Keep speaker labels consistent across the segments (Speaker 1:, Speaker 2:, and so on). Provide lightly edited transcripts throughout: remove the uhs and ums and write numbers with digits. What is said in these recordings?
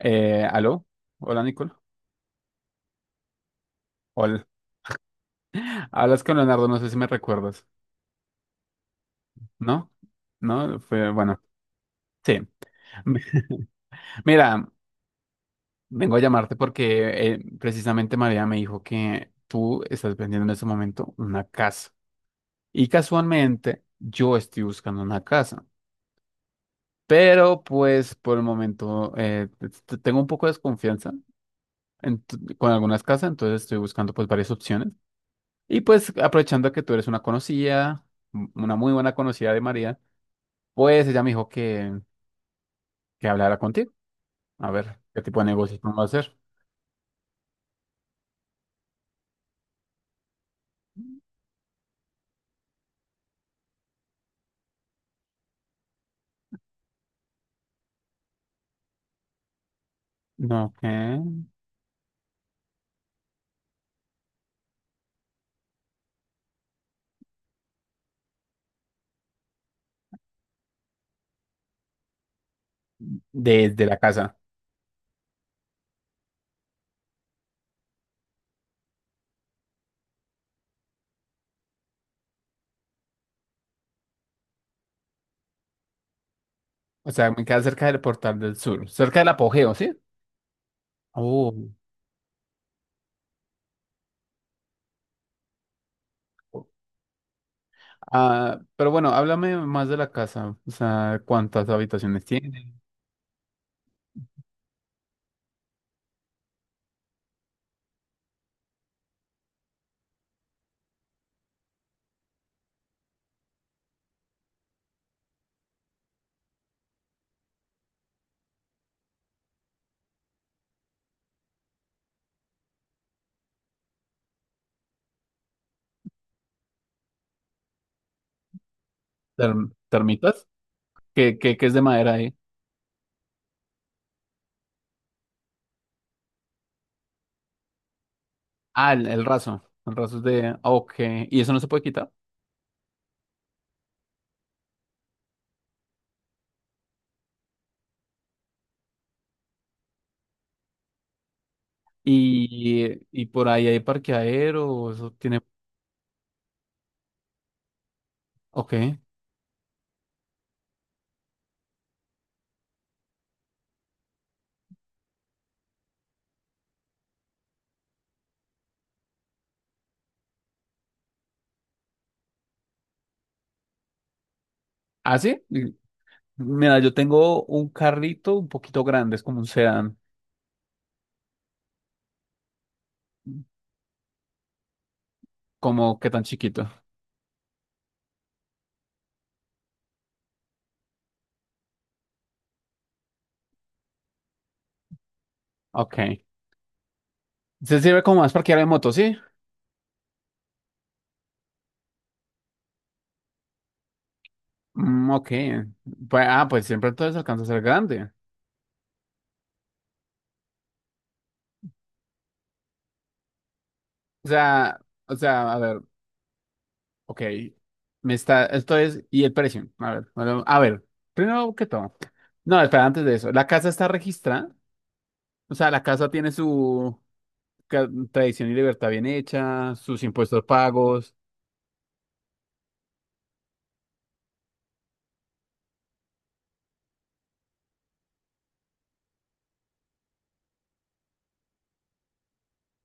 Speaker 1: ¿Aló? Hola, Nicole. Hola. Hablas con Leonardo, no sé si me recuerdas. ¿No? ¿No? Fue, bueno, sí. Mira, vengo a llamarte porque precisamente María me dijo que tú estás vendiendo en este momento una casa. Y casualmente yo estoy buscando una casa. Pero pues por el momento tengo un poco de desconfianza con algunas casas, entonces estoy buscando pues varias opciones. Y pues aprovechando que tú eres una conocida, una muy buena conocida de María, pues ella me dijo que hablara contigo. A ver, ¿qué tipo de negocios vamos a hacer? No, que desde la casa. O sea, me queda cerca del Portal del Sur, cerca del apogeo, ¿sí? Oh. Ah, pero bueno, háblame más de la casa. O sea, ¿cuántas habitaciones tiene? ¿Termitas? ¿ qué es de madera ahí? Ah, el raso. El raso es de... ah, ok. ¿Y eso no se puede quitar? Y por ahí hay parqueadero, eso tiene... Ok. ¿Ah, sí? Y... Mira, yo tengo un carrito un poquito grande, es como un sedán, como que tan chiquito. Ok. Se sirve como más parqueadero de moto, ¿sí? Mm, ok. Pues, ah, pues siempre entonces alcanza a ser grande. O sea, o sea, a ver, ok. Me está, esto es, y el precio. A ver, bueno, a ver, primero que todo. No, espera, antes de eso. La casa está registrada. O sea, la casa tiene su, tradición y libertad bien hecha, sus impuestos pagos.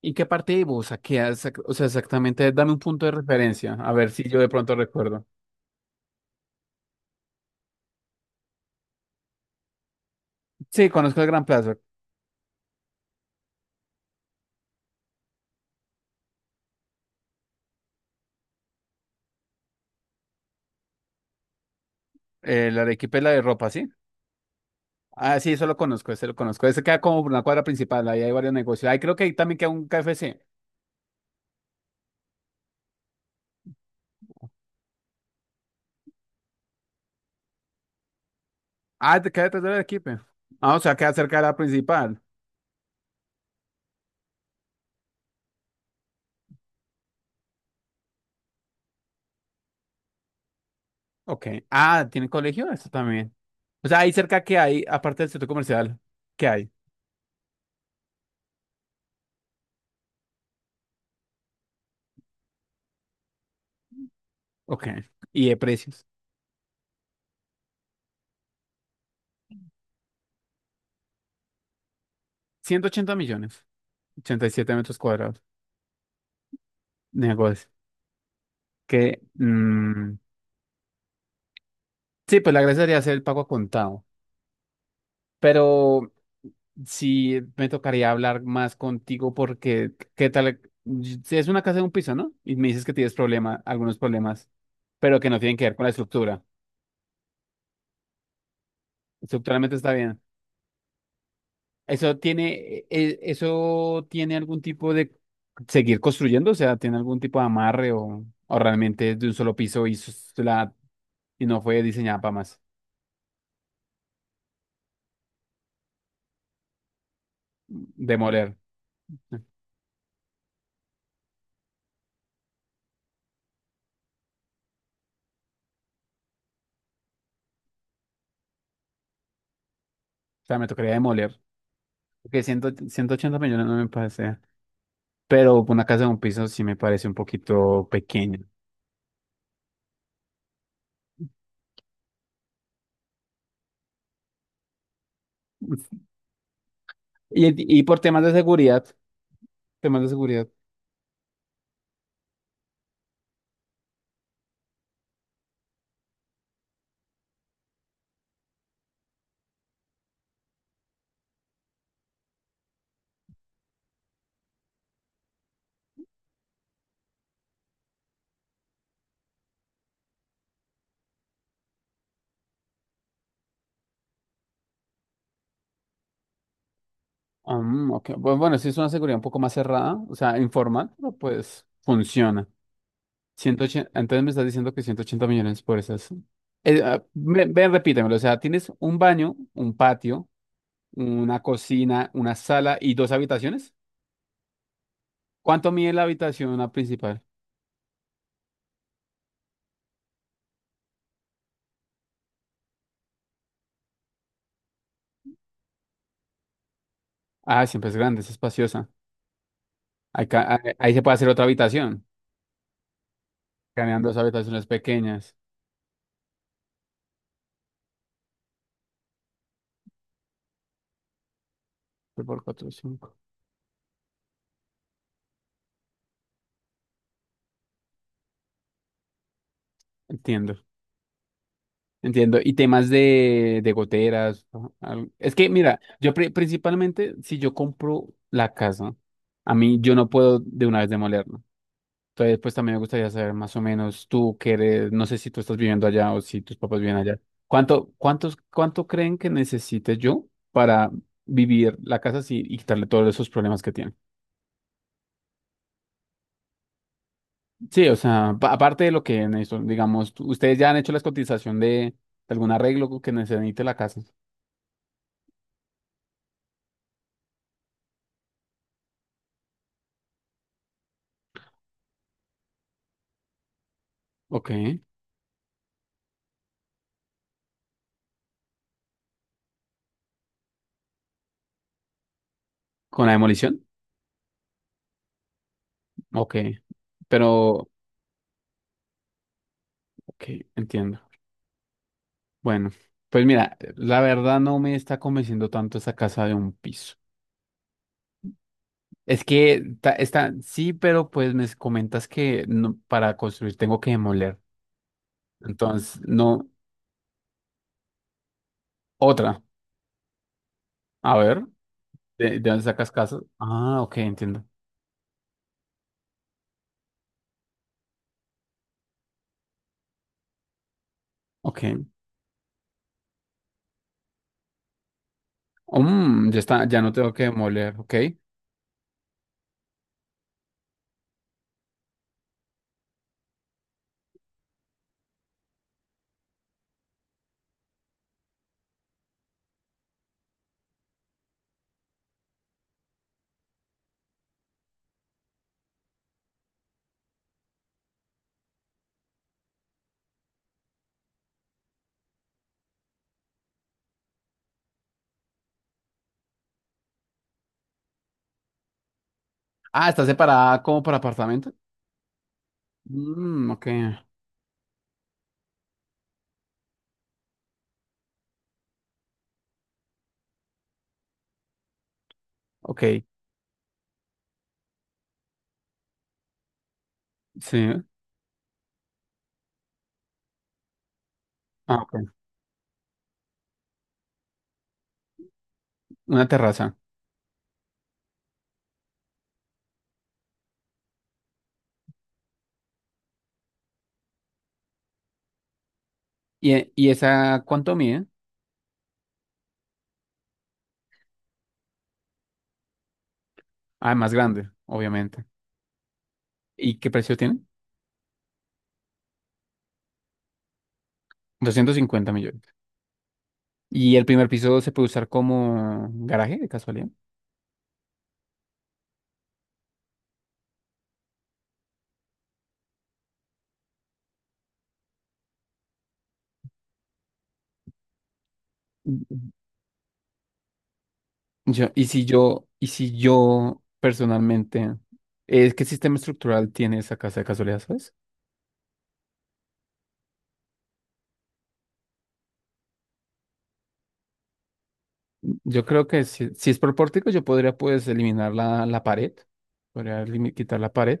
Speaker 1: ¿Y qué parte de Busa? ¿Qué hace? O sea, exactamente, dame un punto de referencia, a ver si yo de pronto recuerdo. Sí, conozco el Gran Plaza, la Arequipa y la de ropa, ¿sí? Ah, sí, eso lo conozco. Ese queda como por una cuadra principal, ahí hay varios negocios. Ahí creo que ahí también queda un KFC. Ah, te queda detrás de la Arequipa. Ah, o sea, queda cerca de la principal. Ok. Ah, ¿tiene colegio? Eso también. O sea, ahí cerca que hay, aparte del centro comercial, ¿qué hay? Ok. ¿Y de precios? 180 millones. 87 metros cuadrados. Negocio. Que, mm, sí, pues la gracia sería hacer el pago a contado. Pero sí me tocaría hablar más contigo porque, ¿qué tal? Si es una casa de un piso, ¿no? Y me dices que tienes problemas, algunos problemas, pero que no tienen que ver con la estructura. Estructuralmente está bien. ¿ eso tiene algún tipo de seguir construyendo? O sea, ¿tiene algún tipo de amarre o realmente es de un solo piso y y no fue diseñada para más demoler? O sea, me tocaría demoler. Porque 180 millones no me parece. Pero una casa de un piso sí me parece un poquito pequeña. Y por temas de seguridad, temas de seguridad. Ah, mm, ok. Bueno, sí es una seguridad un poco más cerrada, o sea, informal, pero pues funciona. 180 entonces me estás diciendo que 180 millones por esas. Ah, ven, repítemelo. O sea, tienes un baño, un patio, una cocina, una sala y dos habitaciones. ¿Cuánto mide la habitación la principal? Ah, siempre es grande, es espaciosa. Acá, ahí se puede hacer otra habitación, cambiando dos habitaciones pequeñas. Por cuatro, cinco. Entiendo, entiendo. Y temas de goteras. ¿No? Es que, mira, yo principalmente, si yo compro la casa, a mí yo no puedo de una vez demolerla. Entonces, pues también me gustaría saber más o menos tú que eres, no sé si tú estás viviendo allá o si tus papás viven allá. ¿ cuánto creen que necesite yo para vivir la casa así y quitarle todos esos problemas que tiene? Sí, o sea, aparte de lo que en eso, digamos, ustedes ya han hecho la cotización de algún arreglo que necesite la casa. Ok. ¿Con la demolición? Ok. Pero, ok, entiendo. Bueno, pues mira, la verdad no me está convenciendo tanto esa casa de un piso. Es que sí, pero pues me comentas que no- para construir tengo que demoler. Entonces, no, otra. A ver, ¿ de dónde sacas casas? Ah, ok, entiendo. Ok. Mm, ya está, ya no tengo que demoler, ok. Ah, está separada como por apartamento. Mm, ok, ok, sí. Ah, ok. Una terraza. ¿Y, y esa cuánto mide? Ah, más grande, obviamente. ¿Y qué precio tiene? 250 millones. ¿Y el primer piso se puede usar como garaje de casualidad? Mm. Y si yo personalmente, ¿qué sistema estructural tiene esa casa de casualidad, sabes? Yo creo que si es por pórtico, yo podría pues eliminar la pared. Podría quitar la pared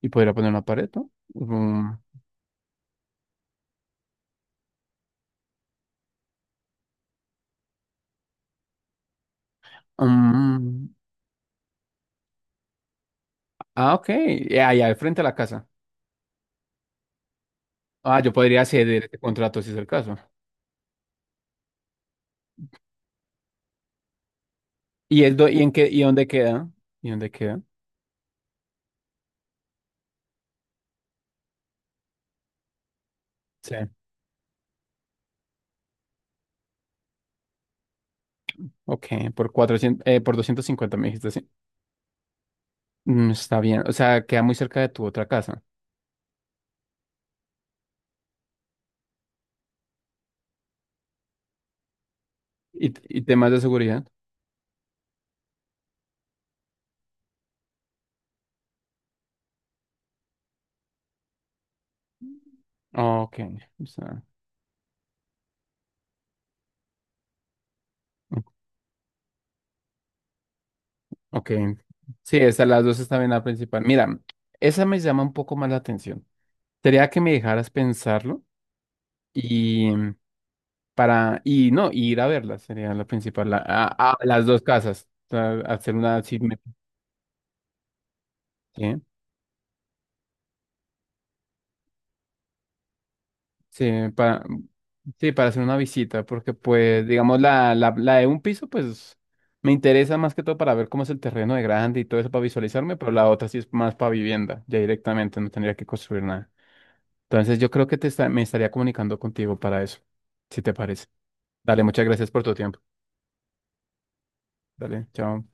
Speaker 1: y podría poner una pared, ¿no? Mm, mm. Ah, ok. Ya, ya, al frente a la casa. Ah, yo podría ceder este contrato si es el caso. ¿Y en qué, y dónde queda? ¿Y dónde queda? Sí. Ok, por 400 por 250 me dijiste, sí. Mm, está bien. O sea, queda muy cerca de tu otra casa. ¿Y, y temas de seguridad? Ok. O sea. Ok. Sí, esas las dos están en la principal. Mira, esa me llama un poco más la atención. Sería que me dejaras pensarlo y para, y no, y ir a verlas sería la principal, a las dos casas. O hacer una, sí, sí, sí, para, sí, para hacer una visita, porque pues, digamos, la de un piso, pues, me interesa más que todo para ver cómo es el terreno de grande y todo eso para visualizarme, pero la otra sí es más para vivienda, ya directamente, no tendría que construir nada. Entonces yo creo que me estaría comunicando contigo para eso, si te parece. Dale, muchas gracias por tu tiempo. Dale, chao.